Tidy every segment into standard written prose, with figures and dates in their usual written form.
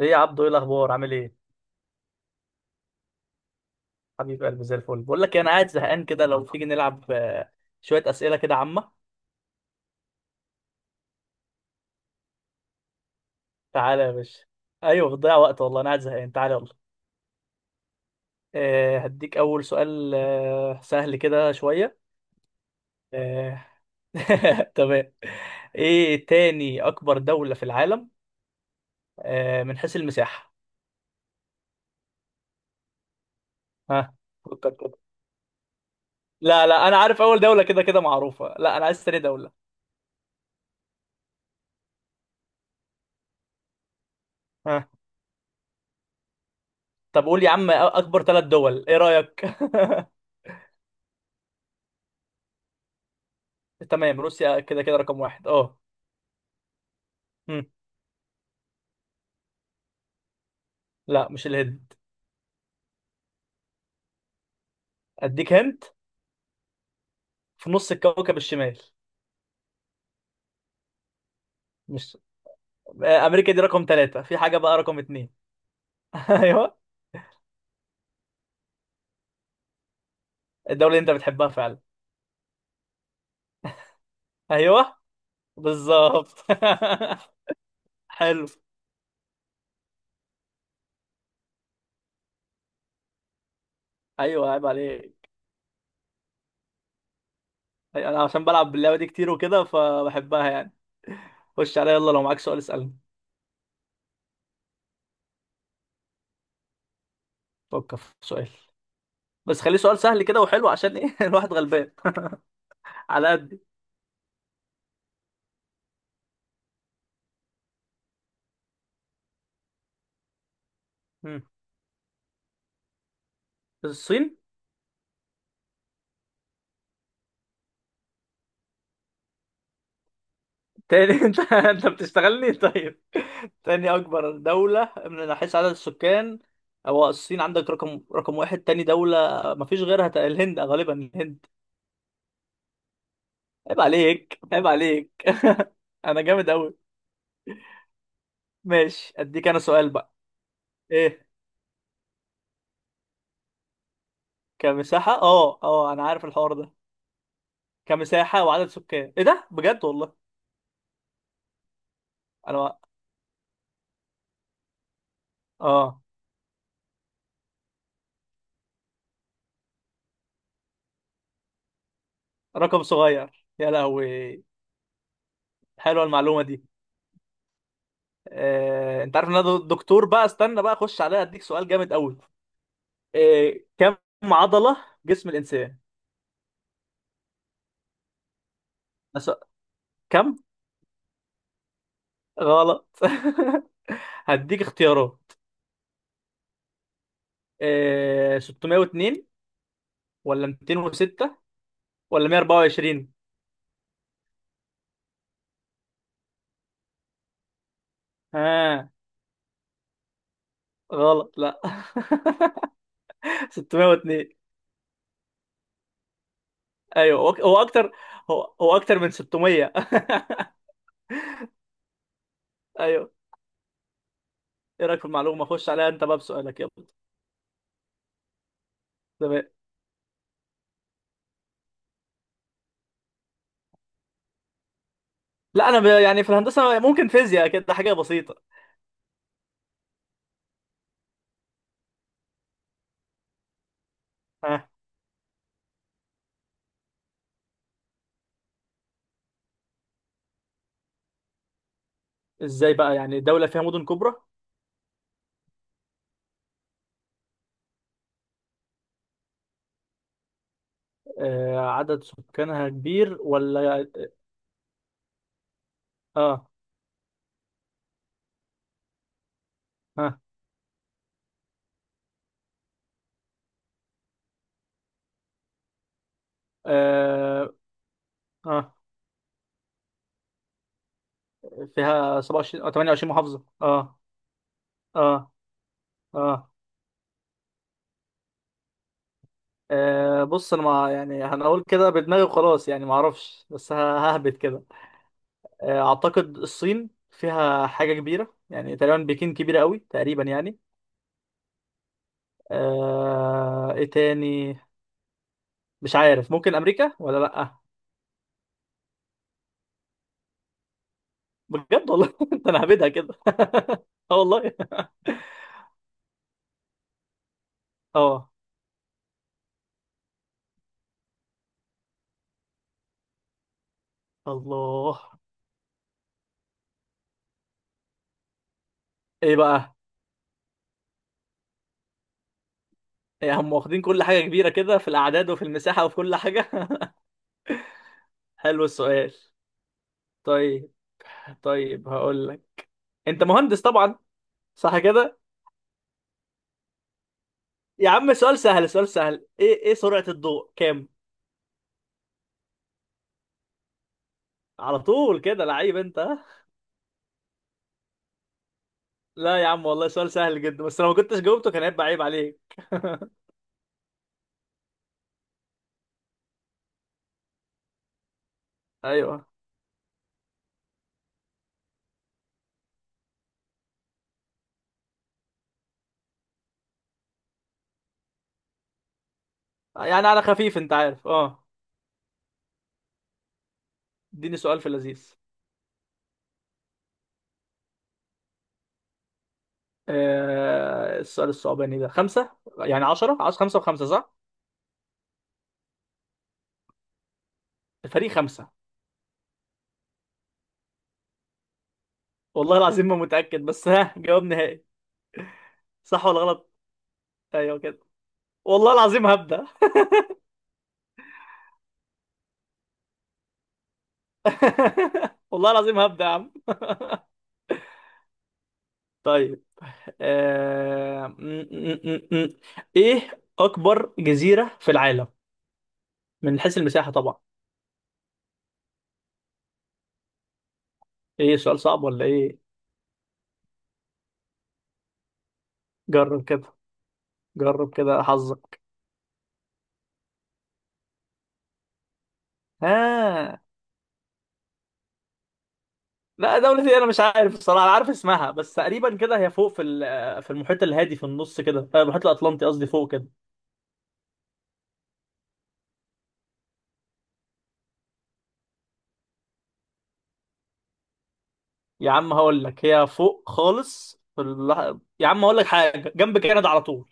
ايه يا عبدو، ايه الاخبار؟ عامل ايه؟ حبيب قلبي، زي الفل. بقول لك إيه، انا قاعد زهقان كده، لو تيجي نلعب شويه اسئله كده عامه. تعالى يا باشا. ايوه، بتضيع وقت، والله انا قاعد زهقان، تعالى يلا. هديك اول سؤال، سهل كده شويه. أه. تمام. ايه تاني اكبر دوله في العالم؟ من حيث المساحه. ها، فكر كده. لا، انا عارف اول دوله كده كده معروفه، لا انا عايز تاني دوله. ها. طب قول يا عم، اكبر ثلاث دول ايه رايك؟ تمام، روسيا كده كده رقم واحد، اه. مم. لا مش الهند. اديك هنت. في نص الكوكب الشمال. مش امريكا. دي رقم ثلاثة، في حاجة بقى رقم اتنين. ايوه. الدولة اللي انت بتحبها فعلا؟ ايوه، بالظبط. حلو. ايوه عيب عليك. انا عشان بلعب باللعبة دي كتير وكده فبحبها يعني. خش عليا، يلا لو معاك سؤال اسألني. فكر في سؤال، بس خليه سؤال سهل كده وحلو، عشان ايه الواحد غلبان على قد. الصين. تاني؟ انت بتشتغلني؟ طيب، تاني اكبر دولة من حيث عدد السكان؟ هو الصين عندك رقم واحد، تاني دولة مفيش غيرها. الهند، غالبا الهند. عيب عليك، عيب عليك. انا جامد اوي. ماشي، اديك انا سؤال بقى. ايه؟ كمساحة، اه اه، انا عارف الحوار ده. كمساحة وعدد سكان؟ ايه ده بجد والله! انا. اه. رقم صغير يا لهوي. حلوه المعلومة دي. انت عارف ان انا دكتور بقى، استنى بقى اخش عليها، اديك سؤال جامد قوي. إيه كم عضلة جسم الإنسان؟ أس- كم؟ غلط. هديك اختيارات، إيه 602 ولا 206 ولا 124؟ ها. غلط، لا. 602. ايوه، هو اكتر، هو اكتر من 600. ايوه. ايه رايك في المعلومه؟ خش عليها انت بقى بسؤالك يلا. تمام. لا انا يعني في الهندسه ممكن فيزياء كده حاجه بسيطه. ها؟ ازاي بقى يعني دوله فيها مدن كبرى؟ عدد سكانها كبير ولا؟ اه. ها. اه اه. فيها 27 او 28 محافظة، اه. اه اه. بص انا ما، يعني هنقول كده بدماغي وخلاص، يعني ما اعرفش، بس ههبد كده. اعتقد الصين فيها حاجة كبيرة، يعني تقريبا بكين كبيرة قوي تقريبا يعني. آه، ايه تاني؟ مش عارف، ممكن امريكا ولا لا. بجد والله؟ انت، انا هبدها كده. اه والله. اه. الله. ايه بقى؟ يعني هم واخدين كل حاجة كبيرة كده، في الأعداد وفي المساحة وفي كل حاجة. حلو السؤال. طيب. طيب هقول لك، أنت مهندس طبعا، صح كده؟ يا عم سؤال سهل، سؤال سهل. إيه سرعة الضوء كام؟ على طول كده لعيب أنت، ها؟ لا يا عم والله سؤال سهل جدا، بس لو ما كنتش جاوبته كان هيبقى عيب عليك. أيوه. يعني على خفيف، أنت عارف، أه. اديني سؤال في اللذيذ. السؤال الصعباني ده خمسة. يعني عشرة، عاوز خمسة وخمسة، صح؟ الفريق خمسة. والله العظيم ما متأكد، بس ها، جواب نهائي. صح ولا غلط؟ ايوه كده. والله العظيم هبدأ. والله العظيم هبدأ يا عم. طيب. م- م- م- م. ايه اكبر جزيرة في العالم، من حيث المساحة طبعا. ايه سؤال صعب ولا ايه؟ جرب كده، جرب كده حظك. ها. لا دولة ايه، انا مش عارف الصراحة، انا عارف اسمها بس. تقريبا كده هي فوق في في المحيط الهادي، في النص كده، المحيط الاطلنطي قصدي، فوق كده. يا عم هقول لك، هي فوق خالص في ال... يا عم هقول لك، حاجة جنب كندا على طول.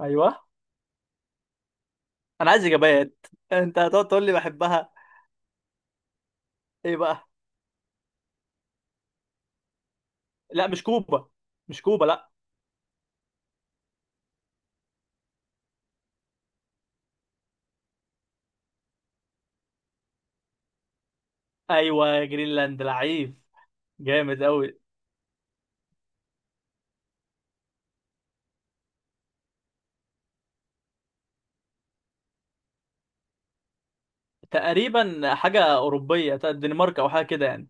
ايوه. انا عايز اجابات. انت هتقعد تقول لي بحبها؟ ايه بقى؟ لا مش كوبا، مش كوبا، لا. ايوه جرينلاند، لعيب. جامد قوي. تقريبا حاجه اوروبيه بتاعت الدنمارك او حاجه كده يعني.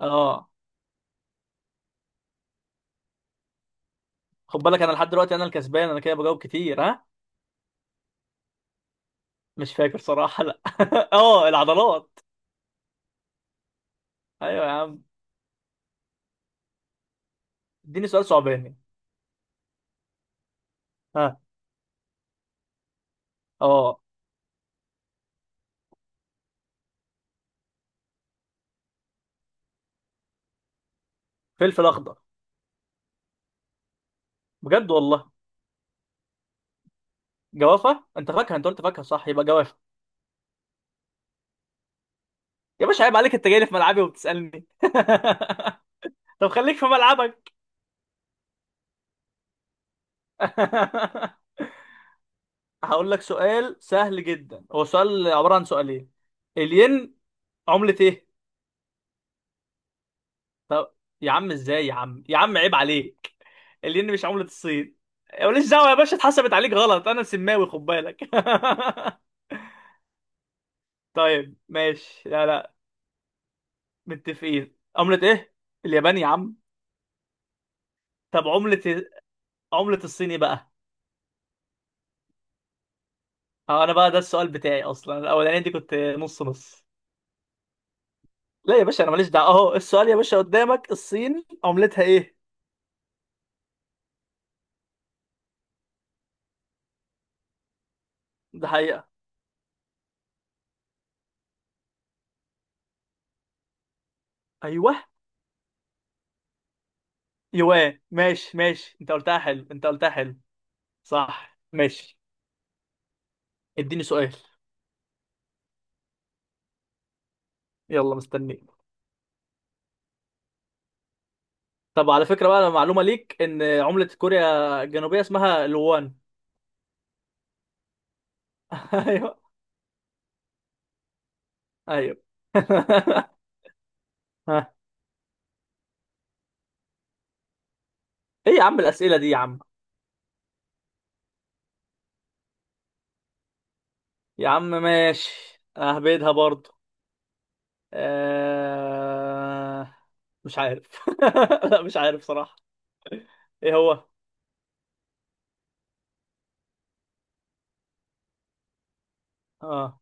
اه. خد بالك انا لحد دلوقتي انا الكسبان، انا كده بجاوب كتير، ها. مش فاكر صراحه، لا. اه، العضلات. ايوه يا عم. اديني سؤال صعباني. ها. اه. فلفل اخضر. بجد والله. جوافه. انت فاكهه؟ انت قلت فاكهه، صح؟ يبقى جوافه. يا باشا عيب عليك، انت جاي لي في ملعبي وبتسالني. طب خليك في ملعبك. هقول لك سؤال سهل جدا، هو سؤال عبارة عن سؤالين. الين عملة ايه؟ طب. يا عم ازاي؟ يا عم، يا عم عيب عليك. الين مش عملة الصين. ماليش دعوة يا باشا، اتحسبت عليك غلط، انا سماوي خد بالك. طيب ماشي. لا لا، متفقين. عملة ايه؟ اليابان يا عم. طب عملة، عملة الصيني بقى. اه انا بقى، ده السؤال بتاعي اصلا، الاولاني دي كنت نص نص. لا يا باشا انا ماليش دعوه، اهو السؤال يا باشا قدامك، الصين عملتها ايه؟ ده حقيقه. ايوه، يوان. ماشي ماشي، انت قلتها حلو، انت قلتها حلو. صح ماشي. اديني سؤال. يلا مستنيك. طب على فكره بقى، معلومه ليك ان عمله كوريا الجنوبيه اسمها الوان. ايوه، ايوه. ها. ايه يا عم الاسئله دي يا عم؟ يا عم ماشي، اهبدها برضه. آه... مش عارف. لا مش عارف صراحه. ايه هو؟ اه.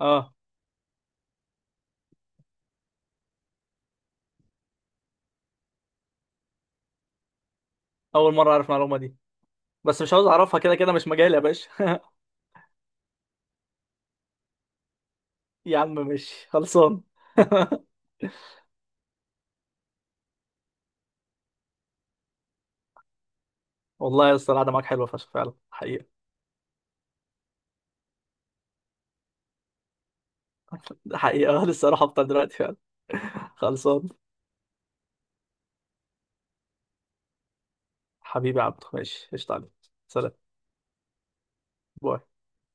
اه. اول مره اعرف المعلومه دي، بس مش عاوز اعرفها، كده كده مش مجالي يا باشا. يا عم ماشي، خلصان. والله يا اسطى القعده معاك حلوه فشخ، فعلا حقيقه. ده حقيقه، لسه اروح افطر دلوقتي فعلا. خلصان. حبيبي يا عبدو، ماشي، قشطه عليك. سلام. باي.